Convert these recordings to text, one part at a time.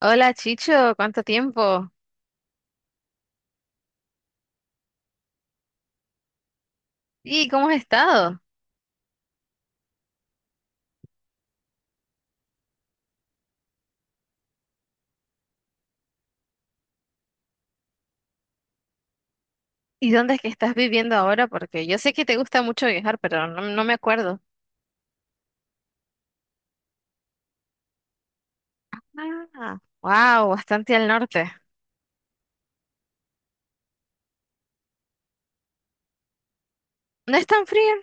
Hola Chicho, ¿cuánto tiempo? ¿Y cómo has estado? ¿Y dónde es que estás viviendo ahora? Porque yo sé que te gusta mucho viajar, pero no, no me acuerdo. Ah, wow, bastante al norte. No es tan frío,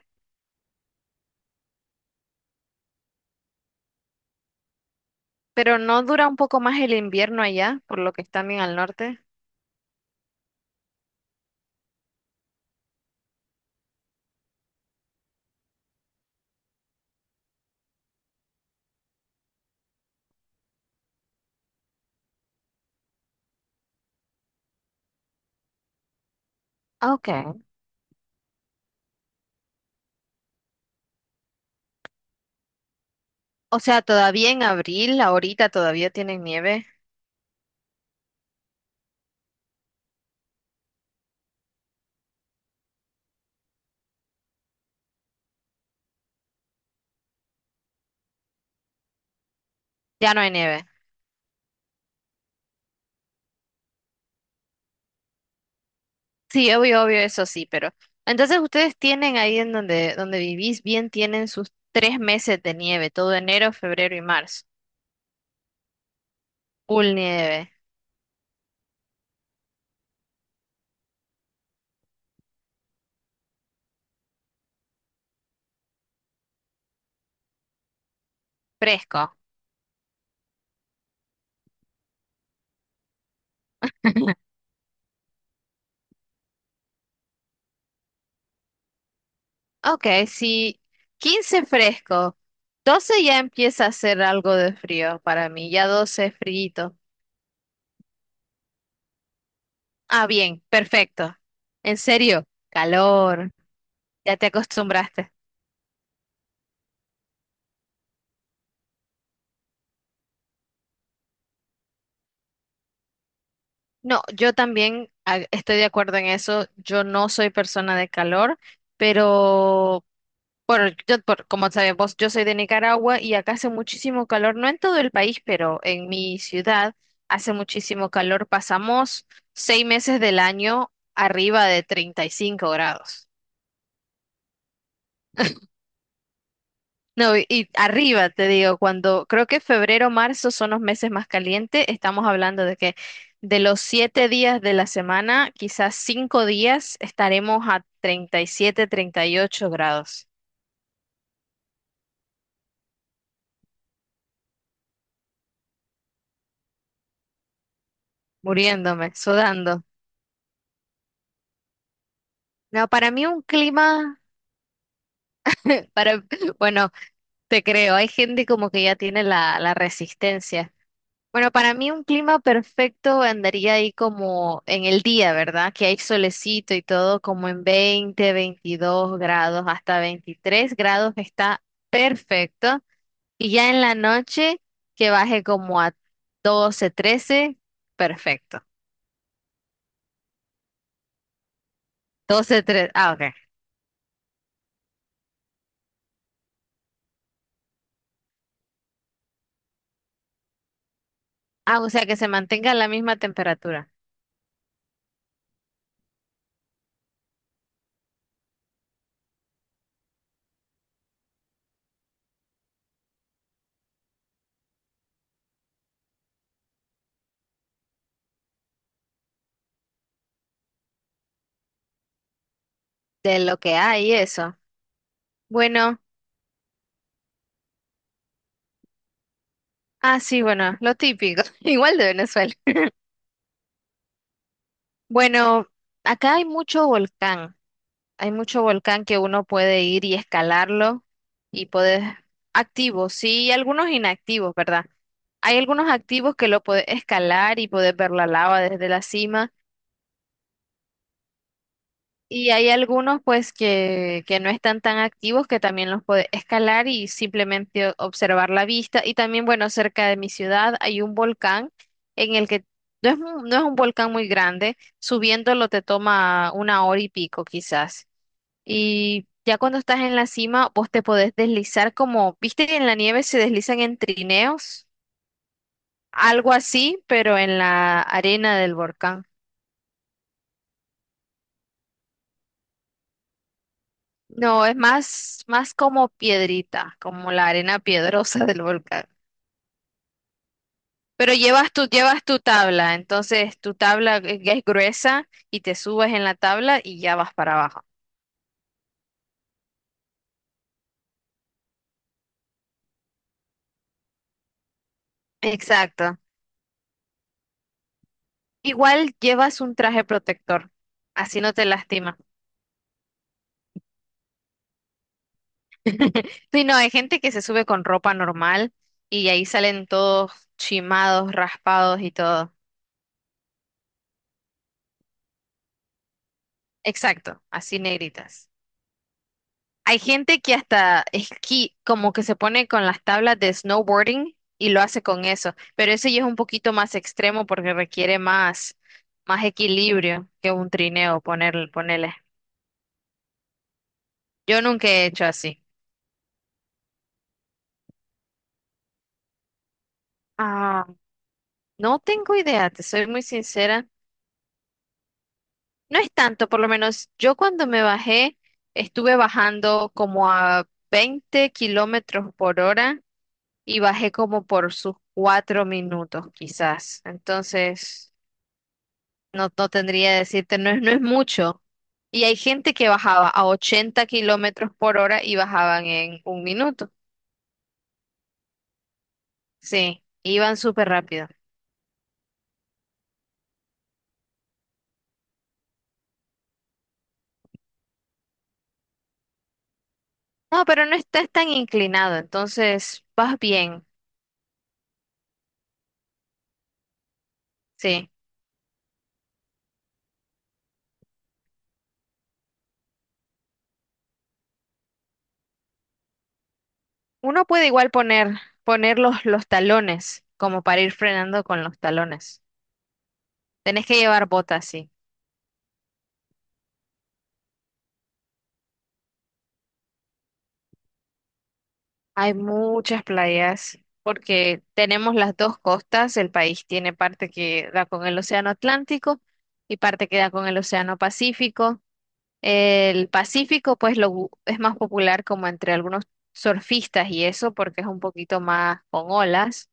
pero no dura un poco más el invierno allá, por lo que están bien al norte. Ah, ok. O sea, todavía en abril, ahorita todavía tienen nieve. Ya no hay nieve. Sí, obvio, obvio, eso sí, pero. Entonces ustedes tienen ahí en donde vivís bien, tienen sus 3 meses de nieve, todo enero, febrero y marzo. Full nieve. Fresco. Ok, si 15 fresco, 12 ya empieza a hacer algo de frío para mí, ya 12 es frío. Ah, bien, perfecto. En serio, calor, ya te acostumbraste. No, yo también estoy de acuerdo en eso, yo no soy persona de calor, pero como sabemos, yo soy de Nicaragua y acá hace muchísimo calor, no en todo el país, pero en mi ciudad hace muchísimo calor. Pasamos 6 meses del año arriba de 35 grados. No, y arriba, te digo, cuando creo que febrero, marzo son los meses más calientes, estamos hablando de los 7 días de la semana, quizás 5 días estaremos a 37, 38 grados, muriéndome, sudando. No, para mí un clima. Para, bueno, te creo, hay gente como que ya tiene la resistencia. Bueno, para mí un clima perfecto andaría ahí como en el día, ¿verdad? Que hay solecito y todo, como en 20 22 grados, hasta 23 grados está perfecto. Y ya en la noche que baje como a 12 13 perfecto. 12 13, ah, ok. Ah, o sea que se mantenga la misma temperatura de lo que hay, eso. Bueno. Ah, sí, bueno, lo típico, igual de Venezuela. Bueno, acá hay mucho volcán que uno puede ir y escalarlo y puedes, activos, sí, y algunos inactivos, ¿verdad? Hay algunos activos que lo puedes escalar y puedes ver la lava desde la cima. Y hay algunos pues que no están tan activos que también los puede escalar y simplemente observar la vista. Y también, bueno, cerca de mi ciudad hay un volcán en el que no es un volcán muy grande, subiéndolo te toma una hora y pico quizás. Y ya cuando estás en la cima, vos te podés deslizar como, viste que en la nieve se deslizan en trineos, algo así, pero en la arena del volcán. No, es más, más como piedrita, como la arena piedrosa del volcán. Pero llevas tu tabla, entonces tu tabla es gruesa y te subes en la tabla y ya vas para abajo. Exacto. Igual llevas un traje protector, así no te lastima. Sí, no, hay gente que se sube con ropa normal y ahí salen todos chimados, raspados y todo. Exacto, así negritas. Hay gente que hasta esquí, como que se pone con las tablas de snowboarding y lo hace con eso, pero ese ya es un poquito más extremo porque requiere más, más equilibrio que un trineo, ponerle. Yo nunca he hecho así. Ah, no tengo idea, te soy muy sincera. No es tanto, por lo menos yo cuando me bajé, estuve bajando como a 20 kilómetros por hora y bajé como por sus 4 minutos quizás. Entonces. No, no tendría que decirte, no es mucho. Y hay gente que bajaba a 80 kilómetros por hora y bajaban en un minuto. Sí, iban súper rápido. No, pero no estás tan inclinado, entonces vas bien. Sí. Uno puede igual poner los talones, como para ir frenando con los talones. Tenés que llevar botas, sí. Hay muchas playas porque tenemos las dos costas. El país tiene parte que da con el Océano Atlántico y parte que da con el Océano Pacífico. El Pacífico, pues, es más popular como entre algunos surfistas y eso porque es un poquito más con olas.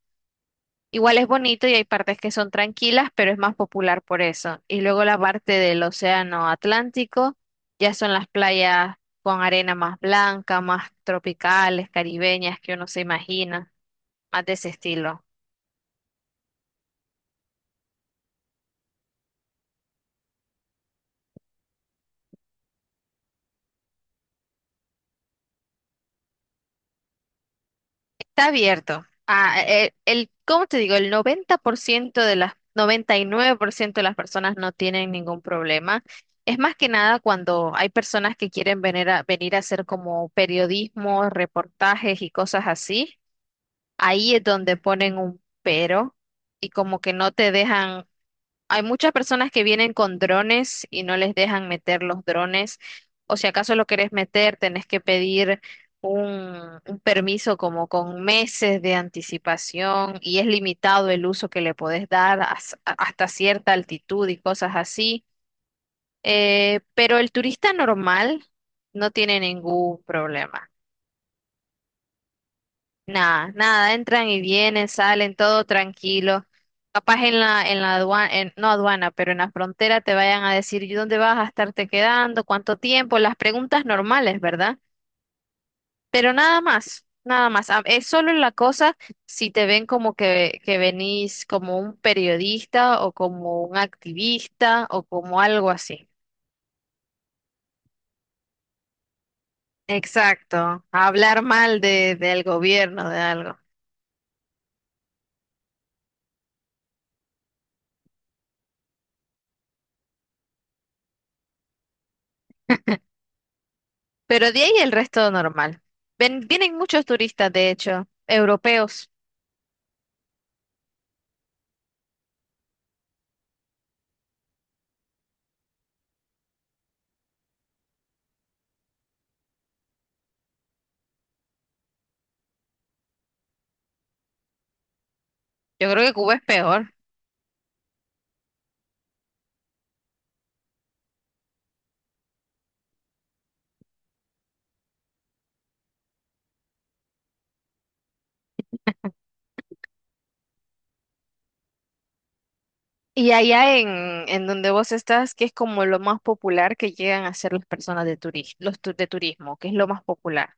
Igual es bonito y hay partes que son tranquilas, pero es más popular por eso. Y luego la parte del océano Atlántico, ya son las playas con arena más blanca, más tropicales, caribeñas, que uno se imagina, más de ese estilo. Está abierto. Ah, ¿cómo te digo? El 90% 99% de las personas no tienen ningún problema. Es más que nada cuando hay personas que quieren venir a hacer como periodismo, reportajes y cosas así. Ahí es donde ponen un pero y como que no te dejan, hay muchas personas que vienen con drones y no les dejan meter los drones, o si acaso lo querés meter, tenés que pedir un permiso como con meses de anticipación y es limitado el uso que le podés dar hasta cierta altitud y cosas así. Pero el turista normal no tiene ningún problema. Nada, nada, entran y vienen, salen, todo tranquilo. Capaz en la aduana, no aduana, pero en la frontera te vayan a decir, ¿y dónde vas a estarte quedando? ¿Cuánto tiempo? Las preguntas normales, ¿verdad? Pero nada más, nada más. Ah, es solo la cosa si te ven como que venís como un periodista o como un activista o como algo así. Exacto, a hablar mal del gobierno, de algo. Pero de ahí el resto normal. Vienen muchos turistas, de hecho, europeos. Yo creo que Cuba es peor. Y allá en donde vos estás, que es como lo más popular que llegan a hacer las personas de turismo, de turismo, que es lo más popular.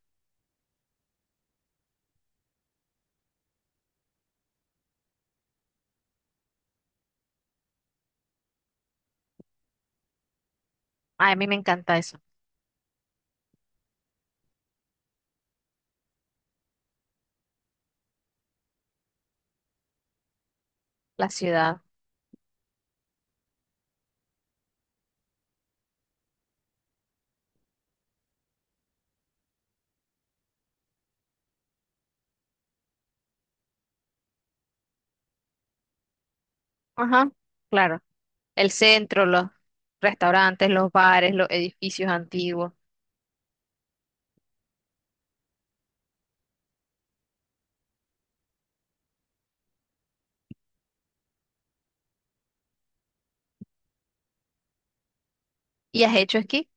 Ay, a mí me encanta eso, la ciudad. Ajá, claro. El centro, los restaurantes, los bares, los edificios antiguos. ¿Y has hecho esquí?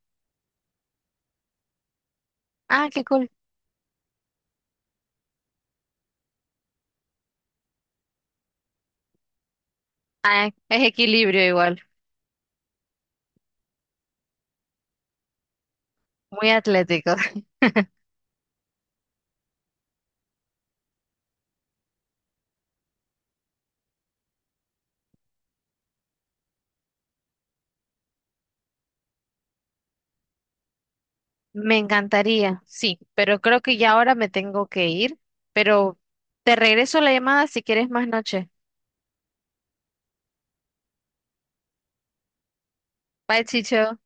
Ah, qué cool. Ah, es equilibrio igual, muy atlético. Me encantaría, sí, pero creo que ya ahora me tengo que ir, pero te regreso la llamada si quieres más noche. Bye, Chicho.